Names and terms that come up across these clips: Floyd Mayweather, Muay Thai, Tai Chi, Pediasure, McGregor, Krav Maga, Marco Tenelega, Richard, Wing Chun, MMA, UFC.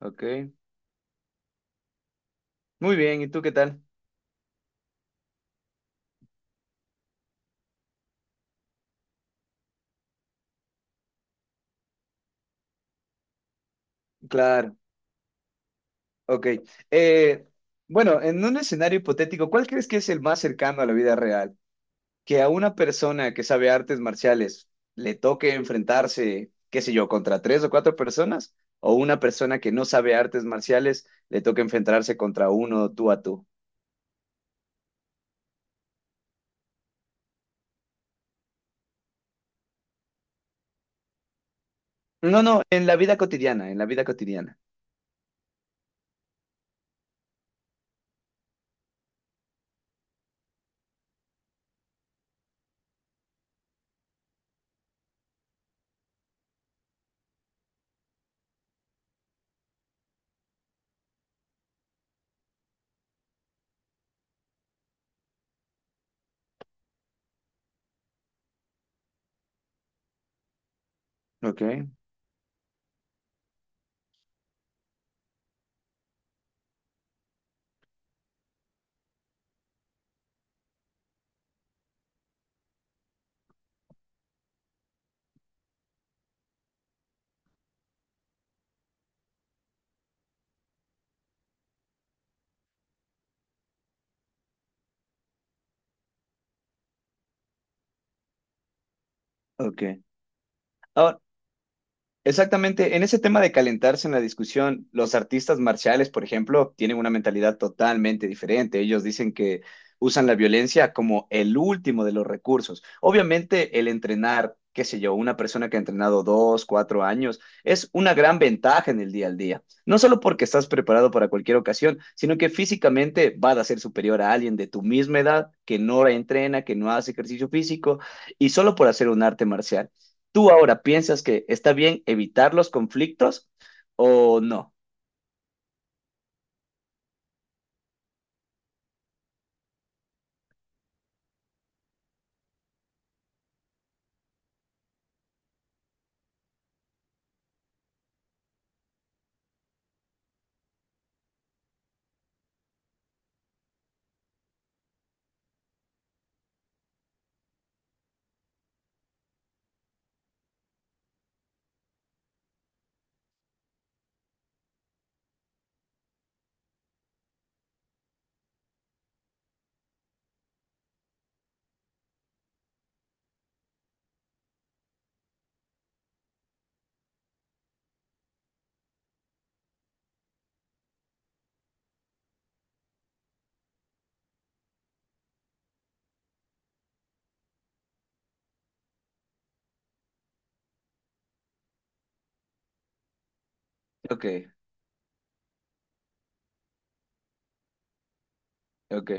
Ok, muy bien, ¿y tú qué tal? Claro, ok. Eh, bueno, en un escenario hipotético, ¿cuál crees que es el más cercano a la vida real? Que a una persona que sabe artes marciales le toque enfrentarse, qué sé yo, contra tres o cuatro personas, o una persona que no sabe artes marciales le toque enfrentarse contra uno tú a tú. No, no, en la vida cotidiana, en la vida cotidiana. Ok, ok. Ahora, exactamente, en ese tema de calentarse en la discusión, los artistas marciales, por ejemplo, tienen una mentalidad totalmente diferente. Ellos dicen que usan la violencia como el último de los recursos. Obviamente, el entrenar, qué sé yo, una persona que ha entrenado 2, 4 años, es una gran ventaja en el día al día. No solo porque estás preparado para cualquier ocasión, sino que físicamente vas a ser superior a alguien de tu misma edad que no entrena, que no hace ejercicio físico y solo por hacer un arte marcial. ¿Tú ahora piensas que está bien evitar los conflictos o no? Ok, ok.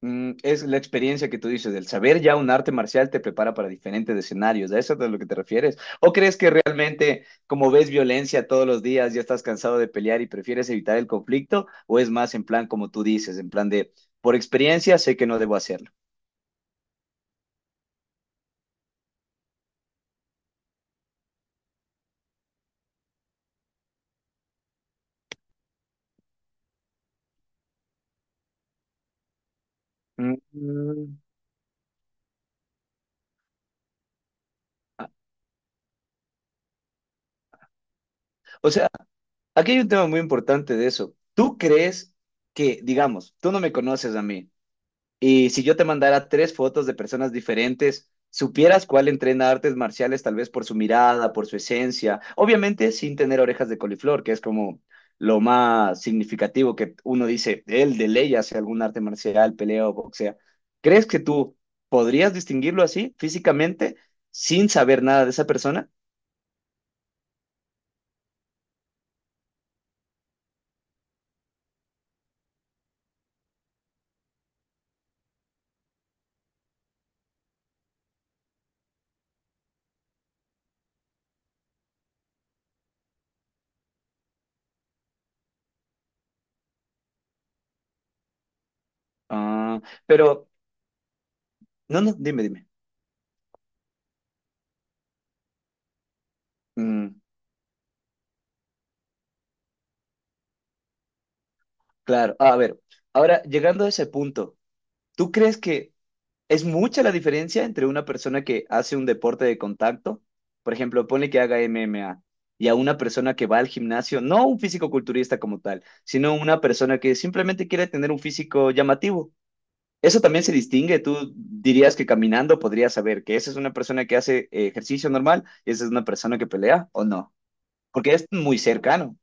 Es la experiencia que tú dices, del saber ya un arte marcial te prepara para diferentes escenarios, ¿a eso es a lo que te refieres? ¿O crees que realmente, como ves violencia todos los días, ya estás cansado de pelear y prefieres evitar el conflicto? ¿O es más en plan como tú dices, en plan de, por experiencia sé que no debo hacerlo? Mm. O sea, aquí hay un tema muy importante de eso. ¿Tú crees que, digamos, tú no me conoces a mí? Y si yo te mandara tres fotos de personas diferentes, supieras cuál entrena artes marciales, tal vez por su mirada, por su esencia, obviamente sin tener orejas de coliflor, que es como lo más significativo que uno dice, él de ley hace algún arte marcial, pelea o boxea. ¿Crees que tú podrías distinguirlo así, físicamente, sin saber nada de esa persona? Ah, pero, no, no, dime, dime. Mm, claro, a ver, ahora llegando a ese punto, ¿tú crees que es mucha la diferencia entre una persona que hace un deporte de contacto, por ejemplo, pone que haga MMA, y a una persona que va al gimnasio, no un físico-culturista como tal, sino una persona que simplemente quiere tener un físico llamativo? Eso también se distingue. Tú dirías que caminando podrías saber que esa es una persona que hace ejercicio normal y esa es una persona que pelea o no, porque es muy cercano.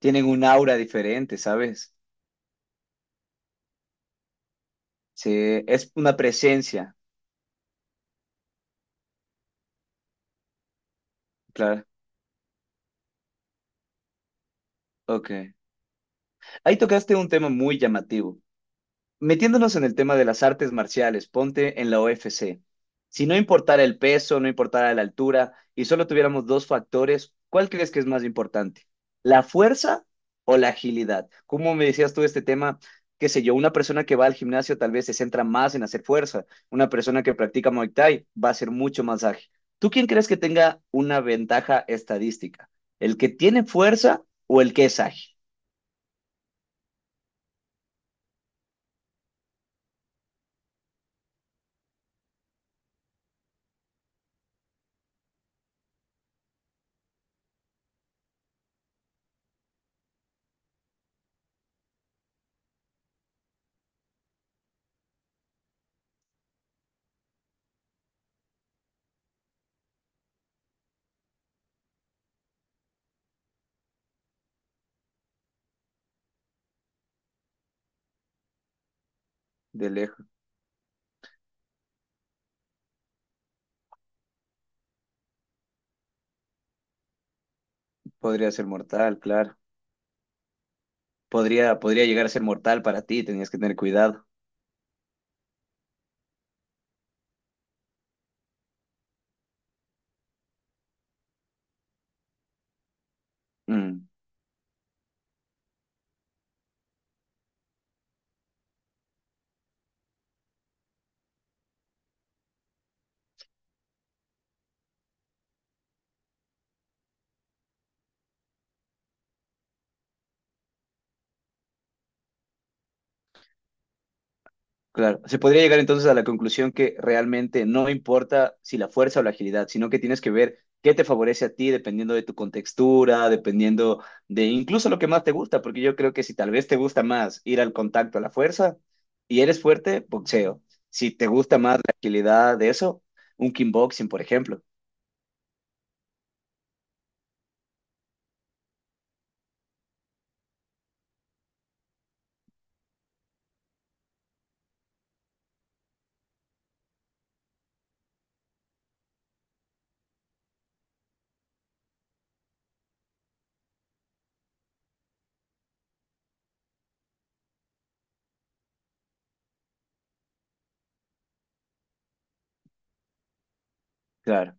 Tienen un aura diferente, ¿sabes? Sí, es una presencia, claro. Ok. Ahí tocaste un tema muy llamativo. Metiéndonos en el tema de las artes marciales, ponte en la UFC. Si no importara el peso, no importara la altura y solo tuviéramos dos factores, ¿cuál crees que es más importante? ¿La fuerza o la agilidad? ¿Cómo me decías tú este tema? Qué sé yo, una persona que va al gimnasio tal vez se centra más en hacer fuerza, una persona que practica Muay Thai va a ser mucho más ágil. ¿Tú quién crees que tenga una ventaja estadística? ¿El que tiene fuerza o el que es ágil? De lejos, podría ser mortal, claro. Podría, podría llegar a ser mortal para ti, tenías que tener cuidado. Mm, claro, se podría llegar entonces a la conclusión que realmente no importa si la fuerza o la agilidad, sino que tienes que ver qué te favorece a ti dependiendo de tu contextura, dependiendo de incluso lo que más te gusta, porque yo creo que si tal vez te gusta más ir al contacto a la fuerza y eres fuerte, boxeo. Si te gusta más la agilidad de eso, un kickboxing, por ejemplo. Claro.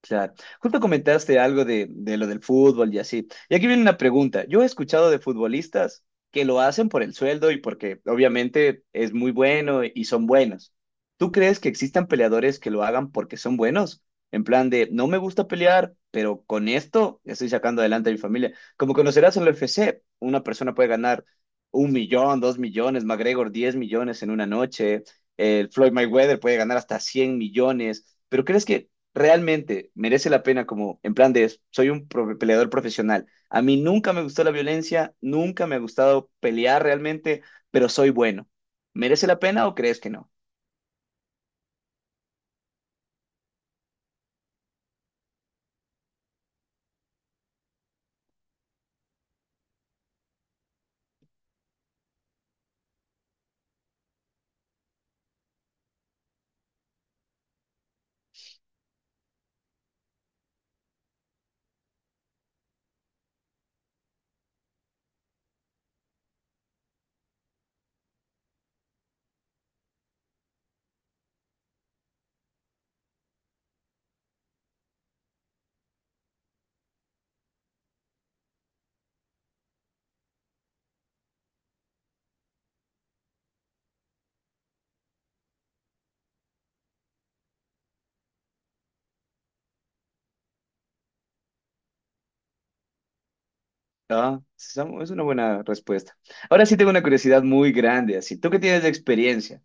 Claro. Justo comentaste algo de lo del fútbol y así. Y aquí viene una pregunta. Yo he escuchado de futbolistas que lo hacen por el sueldo y porque obviamente es muy bueno y son buenos. ¿Tú crees que existan peleadores que lo hagan porque son buenos? En plan de, no me gusta pelear, pero con esto estoy sacando adelante a mi familia. Como conocerás en la UFC, una persona puede ganar 1 millón, 2 millones, McGregor 10 millones en una noche, el Floyd Mayweather puede ganar hasta 100 millones. ¿Pero crees que realmente merece la pena como en plan de soy un peleador profesional? A mí nunca me gustó la violencia, nunca me ha gustado pelear realmente, pero soy bueno. ¿Merece la pena o crees que no? Ah, es una buena respuesta. Ahora sí tengo una curiosidad muy grande, así. Tú que tienes de experiencia.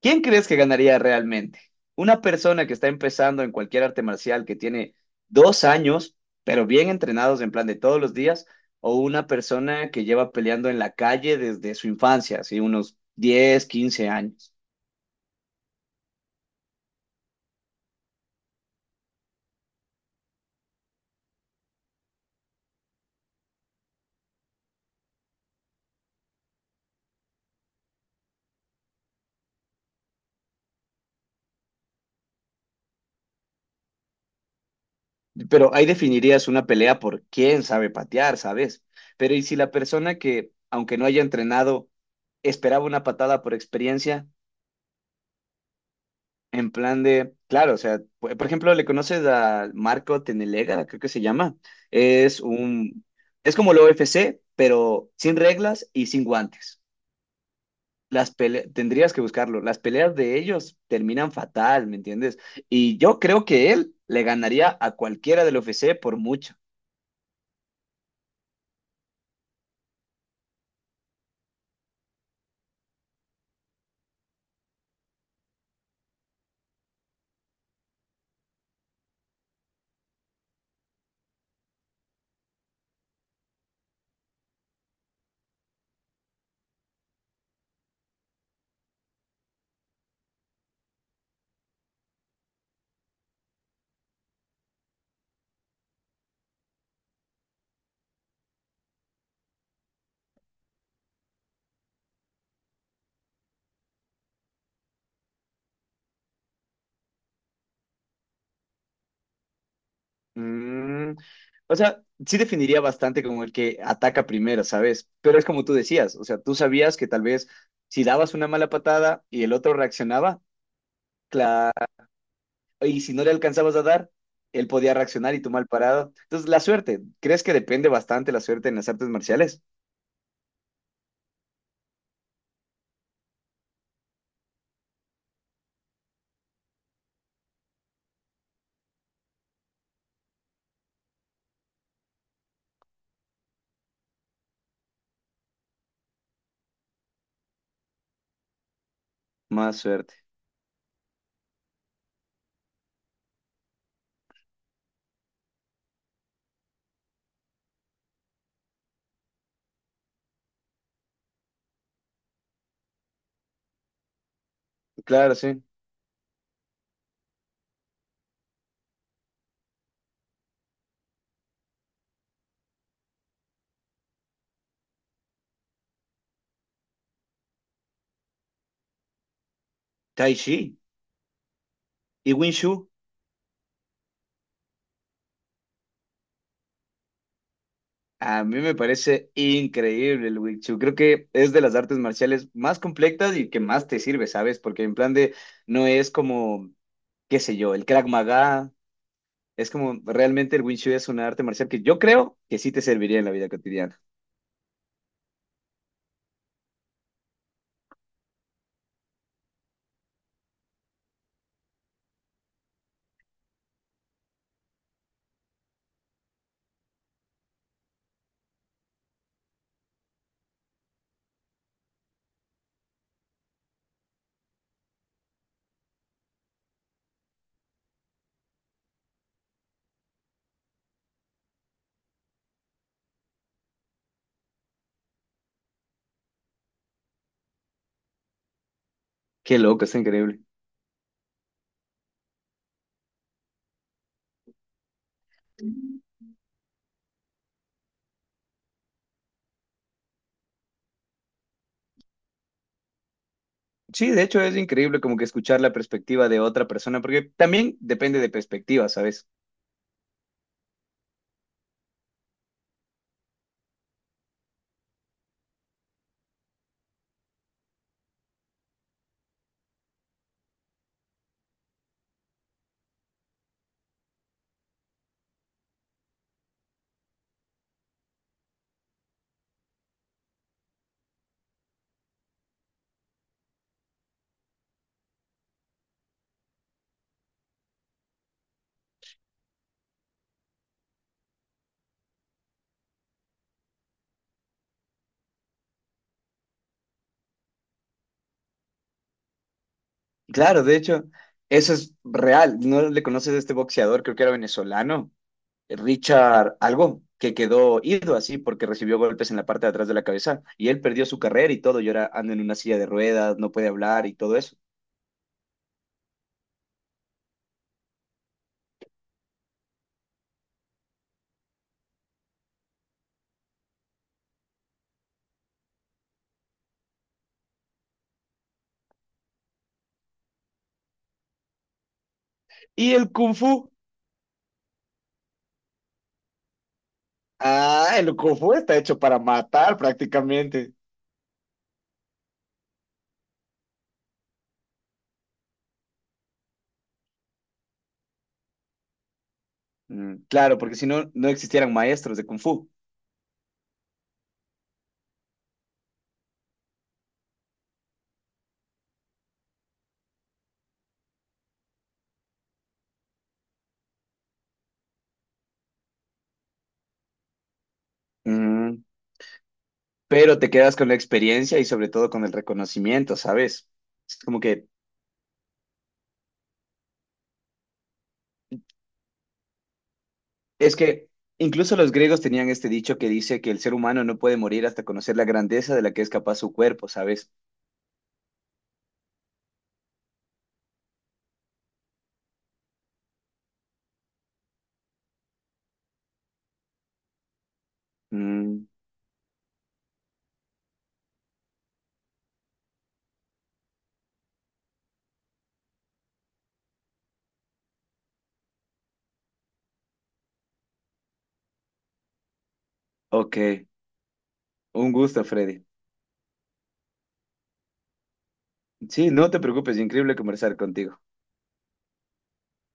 ¿Quién crees que ganaría realmente? ¿Una persona que está empezando en cualquier arte marcial que tiene 2 años, pero bien entrenados en plan de todos los días? ¿O una persona que lleva peleando en la calle desde su infancia, así unos 10, 15 años? Pero ahí definirías una pelea por quién sabe patear, ¿sabes? Pero ¿y si la persona que, aunque no haya entrenado, esperaba una patada por experiencia? En plan de, claro, o sea, por ejemplo, le conoces a Marco Tenelega, creo que se llama. Es un, es como el UFC, pero sin reglas y sin guantes. Tendrías que buscarlo. Las peleas de ellos terminan fatal, ¿me entiendes? Y yo creo que él le ganaría a cualquiera del UFC por mucho. Mm, o sea, sí definiría bastante como el que ataca primero, ¿sabes? Pero es como tú decías, o sea, tú sabías que tal vez si dabas una mala patada y el otro reaccionaba, y si no le alcanzabas a dar, él podía reaccionar y tú mal parado. Entonces, la suerte, ¿crees que depende bastante la suerte en las artes marciales? Más suerte. Claro, sí. Tai Chi y Wing Chun. A mí me parece increíble el Wing Chun. Creo que es de las artes marciales más completas y que más te sirve, ¿sabes? Porque en plan de, no es como, qué sé yo, el Krav Maga. Es como, realmente el Wing Chun es una arte marcial que yo creo que sí te serviría en la vida cotidiana. Qué loco, está increíble. Sí, de hecho es increíble como que escuchar la perspectiva de otra persona, porque también depende de perspectiva, ¿sabes? Claro, de hecho, eso es real. ¿No le conoces a este boxeador? Creo que era venezolano, Richard algo, que quedó ido así porque recibió golpes en la parte de atrás de la cabeza y él perdió su carrera y todo, y ahora anda en una silla de ruedas, no puede hablar y todo eso. ¿Y el kung fu? Ah, el kung fu está hecho para matar prácticamente. Claro, porque si no, no existieran maestros de kung fu. Mm, pero te quedas con la experiencia y sobre todo con el reconocimiento, ¿sabes? Es como que, es que incluso los griegos tenían este dicho que dice que el ser humano no puede morir hasta conocer la grandeza de la que es capaz su cuerpo, ¿sabes? Mm, ok, un gusto, Freddy. Sí, no te preocupes, increíble conversar contigo.